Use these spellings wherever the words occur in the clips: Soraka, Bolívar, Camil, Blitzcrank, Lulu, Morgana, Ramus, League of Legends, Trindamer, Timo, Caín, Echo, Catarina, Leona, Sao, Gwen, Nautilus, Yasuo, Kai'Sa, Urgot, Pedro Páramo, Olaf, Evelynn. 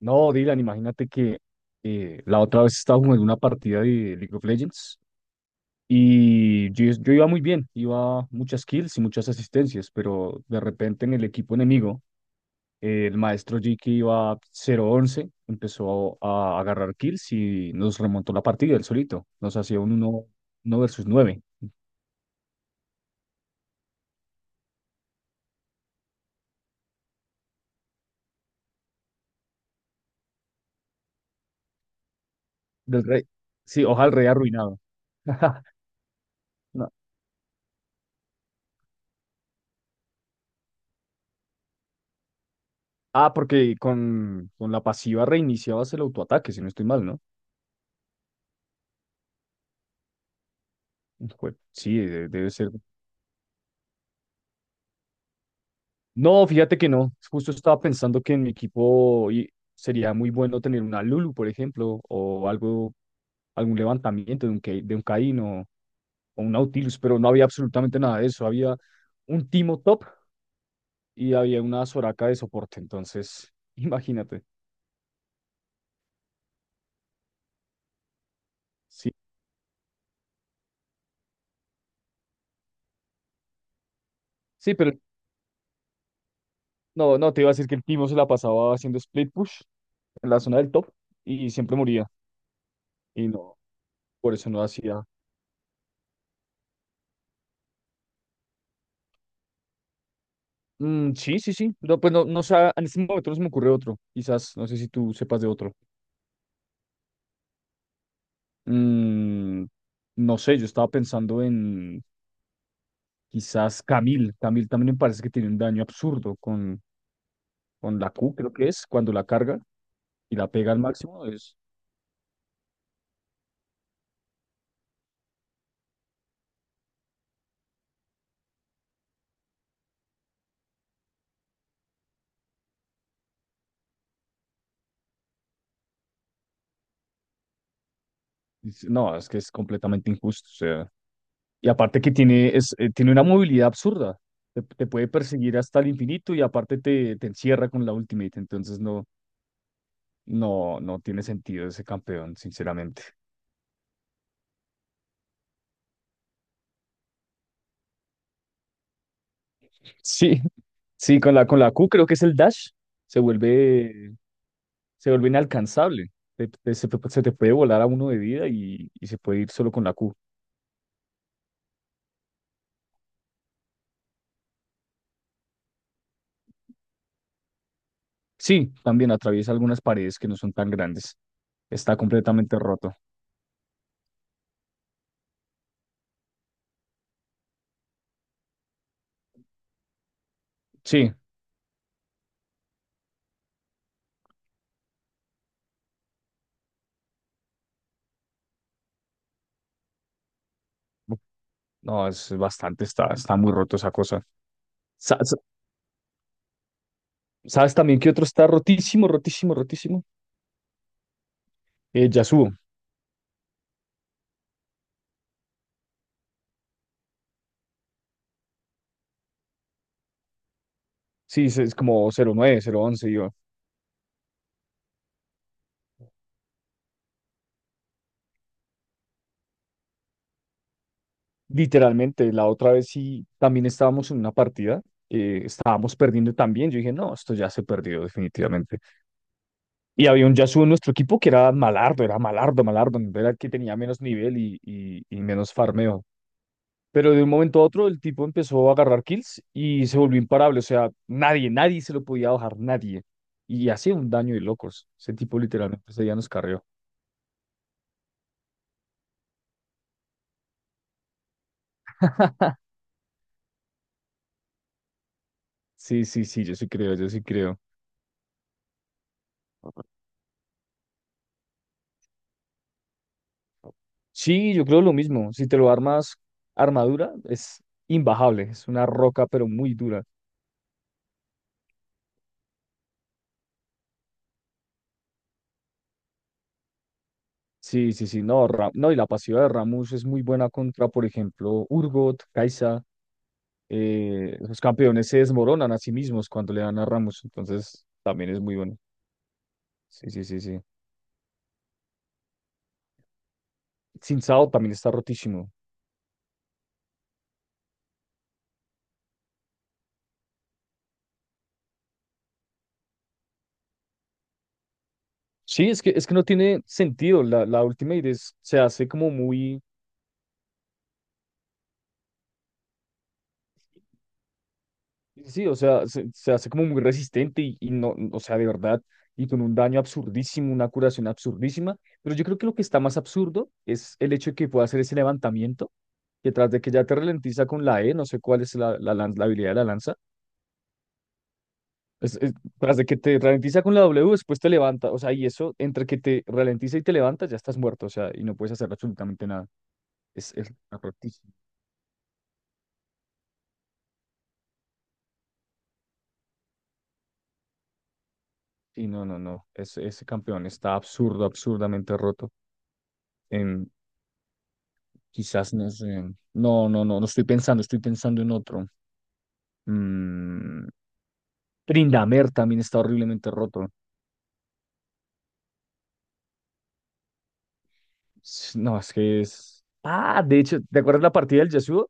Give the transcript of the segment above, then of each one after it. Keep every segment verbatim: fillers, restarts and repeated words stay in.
No, Dylan, imagínate que eh, la otra vez estaba jugando una partida de League of Legends y yo, yo iba muy bien, iba muchas kills y muchas asistencias, pero de repente en el equipo enemigo, eh, el maestro G que iba cero once, empezó a, a agarrar kills y nos remontó la partida él solito, nos hacía un uno 1 versus nueve del rey. Sí, hoja del rey arruinado. No. Ah, porque con, con la pasiva reiniciabas el autoataque, si no estoy mal, ¿no? Jue- Sí, de- debe ser. No, fíjate que no. Justo estaba pensando que en mi equipo y- sería muy bueno tener una Lulu, por ejemplo, o algo, algún levantamiento de un, Ca- de un Caín o, o un Nautilus, pero no había absolutamente nada de eso. Había un Timo top y había una Soraka de soporte. Entonces, imagínate. Sí, sí, pero no, no, te iba a decir que el Timo se la pasaba haciendo split push en la zona del top y siempre moría. Y no, por eso no hacía. Mm, sí, sí, sí. No, pues no, no sé, en este momento no se me ocurre otro. Quizás, no sé si tú sepas de otro. Mm, no sé, yo estaba pensando en quizás Camil. Camil también me parece que tiene un daño absurdo con, con, la Q, creo que es, cuando la carga y la pega al máximo. Es, es- no, es que es completamente injusto. O sea, y aparte que tiene, es, eh, tiene una movilidad absurda. Te, te puede perseguir hasta el infinito y aparte te, te encierra con la ultimate. Entonces no, no, no tiene sentido ese campeón, sinceramente. Sí, sí, con la, con la Q creo que es el dash, se vuelve, se vuelve inalcanzable. Te- te- se, te se te puede volar a uno de vida y, y se puede ir solo con la Q. Sí, también atraviesa algunas paredes que no son tan grandes. Está completamente roto. Sí, no, es bastante, está, está muy roto esa cosa. Sa- sa- ¿Sabes también qué otro está rotísimo, rotísimo, rotísimo? Eh, Yasuo. Sí, es es como cero nueve, cero once, yo. Literalmente, la otra vez sí, también estábamos en una partida, eh, estábamos perdiendo también. Yo dije, no, esto ya se perdió definitivamente. Y había un Yasuo en nuestro equipo que era malardo, era malardo, malardo, no era el que tenía menos nivel y, y, y menos farmeo. Pero de un momento a otro el tipo empezó a agarrar kills y se volvió imparable. O sea, nadie, nadie se lo podía bajar, nadie. Y hacía un daño de locos. Ese tipo literalmente ese día nos carrió. Sí, sí, sí, yo sí creo, yo sí creo. Sí, yo creo lo mismo. Si te lo armas armadura, es imbajable. Es una roca, pero muy dura. Sí, sí, sí. No, Ra- no, y la pasiva de Ramus es muy buena contra, por ejemplo, Urgot, Kai'Sa. eh, los campeones se desmoronan a sí mismos cuando le dan a Ramus. Entonces, también es muy bueno. Sí, sí, sí, sí. Sin Sao también está rotísimo. Sí, es que, es que, no tiene sentido. La, la Ultimate es- se hace como muy. Sí, sí, o sea, se, se, hace como muy resistente y, y no, o sea, de verdad, y con un daño absurdísimo, una curación absurdísima. Pero yo creo que lo que está más absurdo es el hecho de que pueda hacer ese levantamiento, que tras de que ya te ralentiza con la E, no sé cuál es la, la, lan- la habilidad de la lanza, es- es- tras de que te ralentiza con la W, después te levanta, o sea, y eso, entre que te ralentiza y te levanta, ya estás muerto, o sea, y no puedes hacer absolutamente nada. Es, es rotísimo. Sí, no, no, no, ese ese campeón está absurdo, absurdamente roto. Quizás no sé. No, no, no, no estoy pensando, estoy pensando en otro. Mm, Trindamer también está horriblemente roto. S- No, es que es. Ah, de hecho, ¿te acuerdas la partida del Yasuo?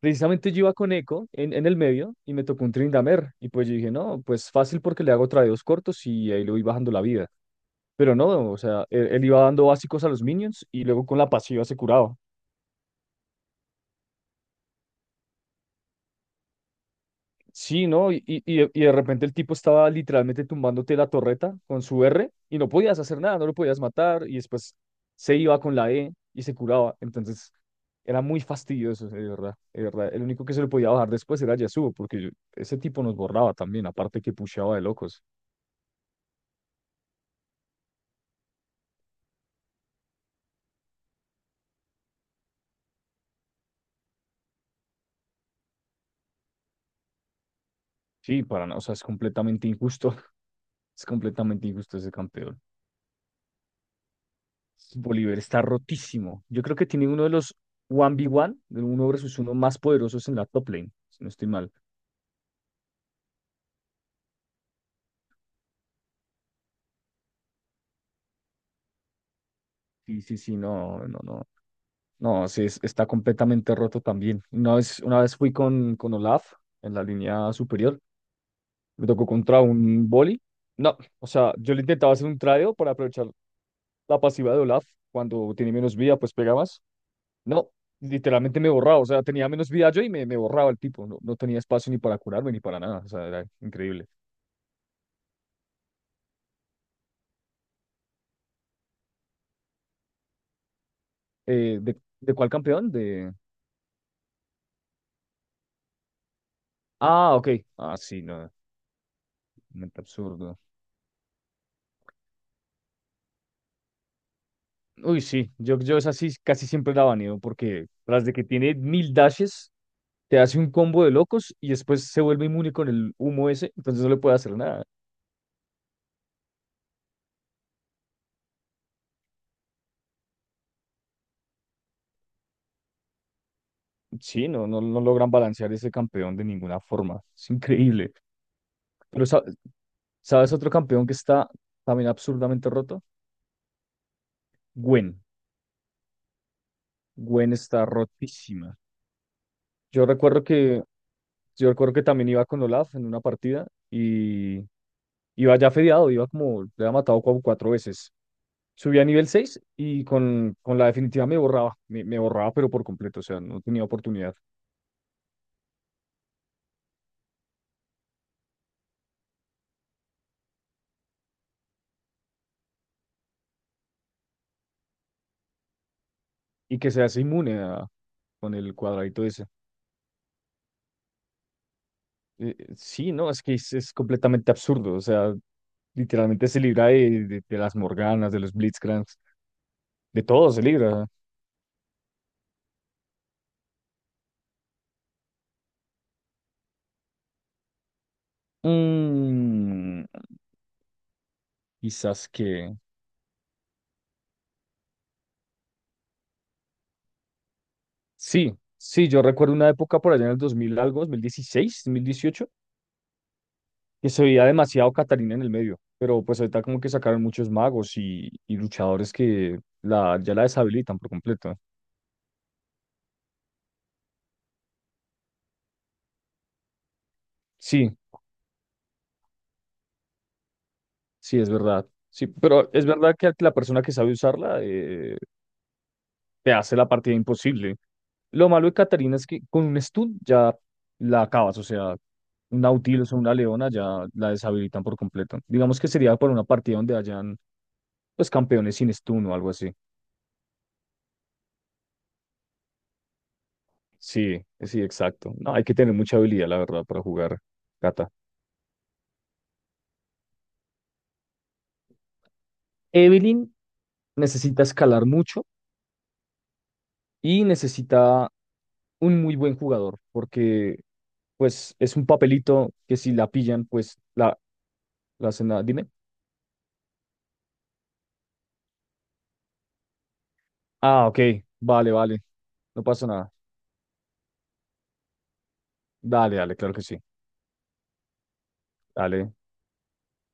Precisamente yo iba con Echo en, en, el medio y me tocó un Trindamer. Y pues yo dije, no, pues fácil porque le hago tradeos cortos y ahí le voy bajando la vida. Pero no, o sea, él, él iba dando básicos a los minions y luego con la pasiva se curaba. Sí, ¿no? Y, y, y de y de repente el tipo estaba literalmente tumbándote la torreta con su R y no podías hacer nada, no lo podías matar y después se iba con la E y se curaba. Entonces era muy fastidioso, de verdad, de verdad. El único que se lo podía bajar después era Yasuo, porque yo- ese tipo nos borraba también, aparte que pusheaba de locos. Sí, para nada, o sea, es completamente injusto, es completamente injusto ese campeón. Bolívar está rotísimo. Yo creo que tiene uno de los uno ve uno, de uno versus uno más poderosos en la top lane, si no estoy mal. Sí, sí, sí, no, no, no. No, sí, es- está completamente roto también. Una vez, una vez fui con, con, Olaf en la línea superior, me tocó contra un boli. No, o sea, yo le intentaba hacer un tradeo para aprovechar la pasiva de Olaf. Cuando tiene menos vida, pues pega más. No, literalmente me borraba, o sea, tenía menos vida yo y me, me borraba el tipo. No, no tenía espacio ni para curarme ni para nada, o sea, era increíble. Eh, ¿de, de cuál campeón? De... Ah, ok. Ah, sí, no, totalmente absurdo. Uy, sí, yo, yo esa sí casi siempre la baneo porque tras de que tiene mil dashes, te hace un combo de locos y después se vuelve inmune con el humo ese, entonces no le puede hacer nada. Sí, no, no, no logran balancear ese campeón de ninguna forma. Es increíble. Pero sa- ¿sabes otro campeón que está también absurdamente roto? Gwen. Gwen está rotísima. Yo recuerdo que Yo recuerdo que también iba con Olaf en una partida y iba ya fedeado, iba como, le había matado como cuatro veces. Subí a nivel seis y con, con, la definitiva me borraba, me, me borraba pero por completo, o sea, no tenía oportunidad. Y que se hace inmune a- con el cuadradito ese. Eh, eh, sí, no, es que es, es completamente absurdo, o sea, literalmente se libra de, de, de las Morganas, de los Blitzcranks, de todo se libra. Mm, quizás que... Sí, sí, yo recuerdo una época por allá en el dos mil algo, dos dos mil dieciséis, dos mil dieciocho, que se veía demasiado Catarina en el medio, pero pues ahorita como que sacaron muchos magos y, y luchadores que la, ya la deshabilitan por completo. Sí, sí, es verdad. Sí, pero es verdad que la persona que sabe usarla eh, te hace la partida imposible. Lo malo de Catarina es que con un stun ya la acabas, o sea, un Nautilus o una Leona ya la deshabilitan por completo. Digamos que sería para una partida donde hayan pues campeones sin stun o algo así. Sí, sí, exacto. No, hay que tener mucha habilidad, la verdad, para jugar Cata. Evelynn necesita escalar mucho y necesita un muy buen jugador, porque pues es un papelito que si la pillan, pues la, la, hacen nada. Dime. Ah, ok. Vale, vale. No pasa nada. Dale, dale, claro que sí. Dale.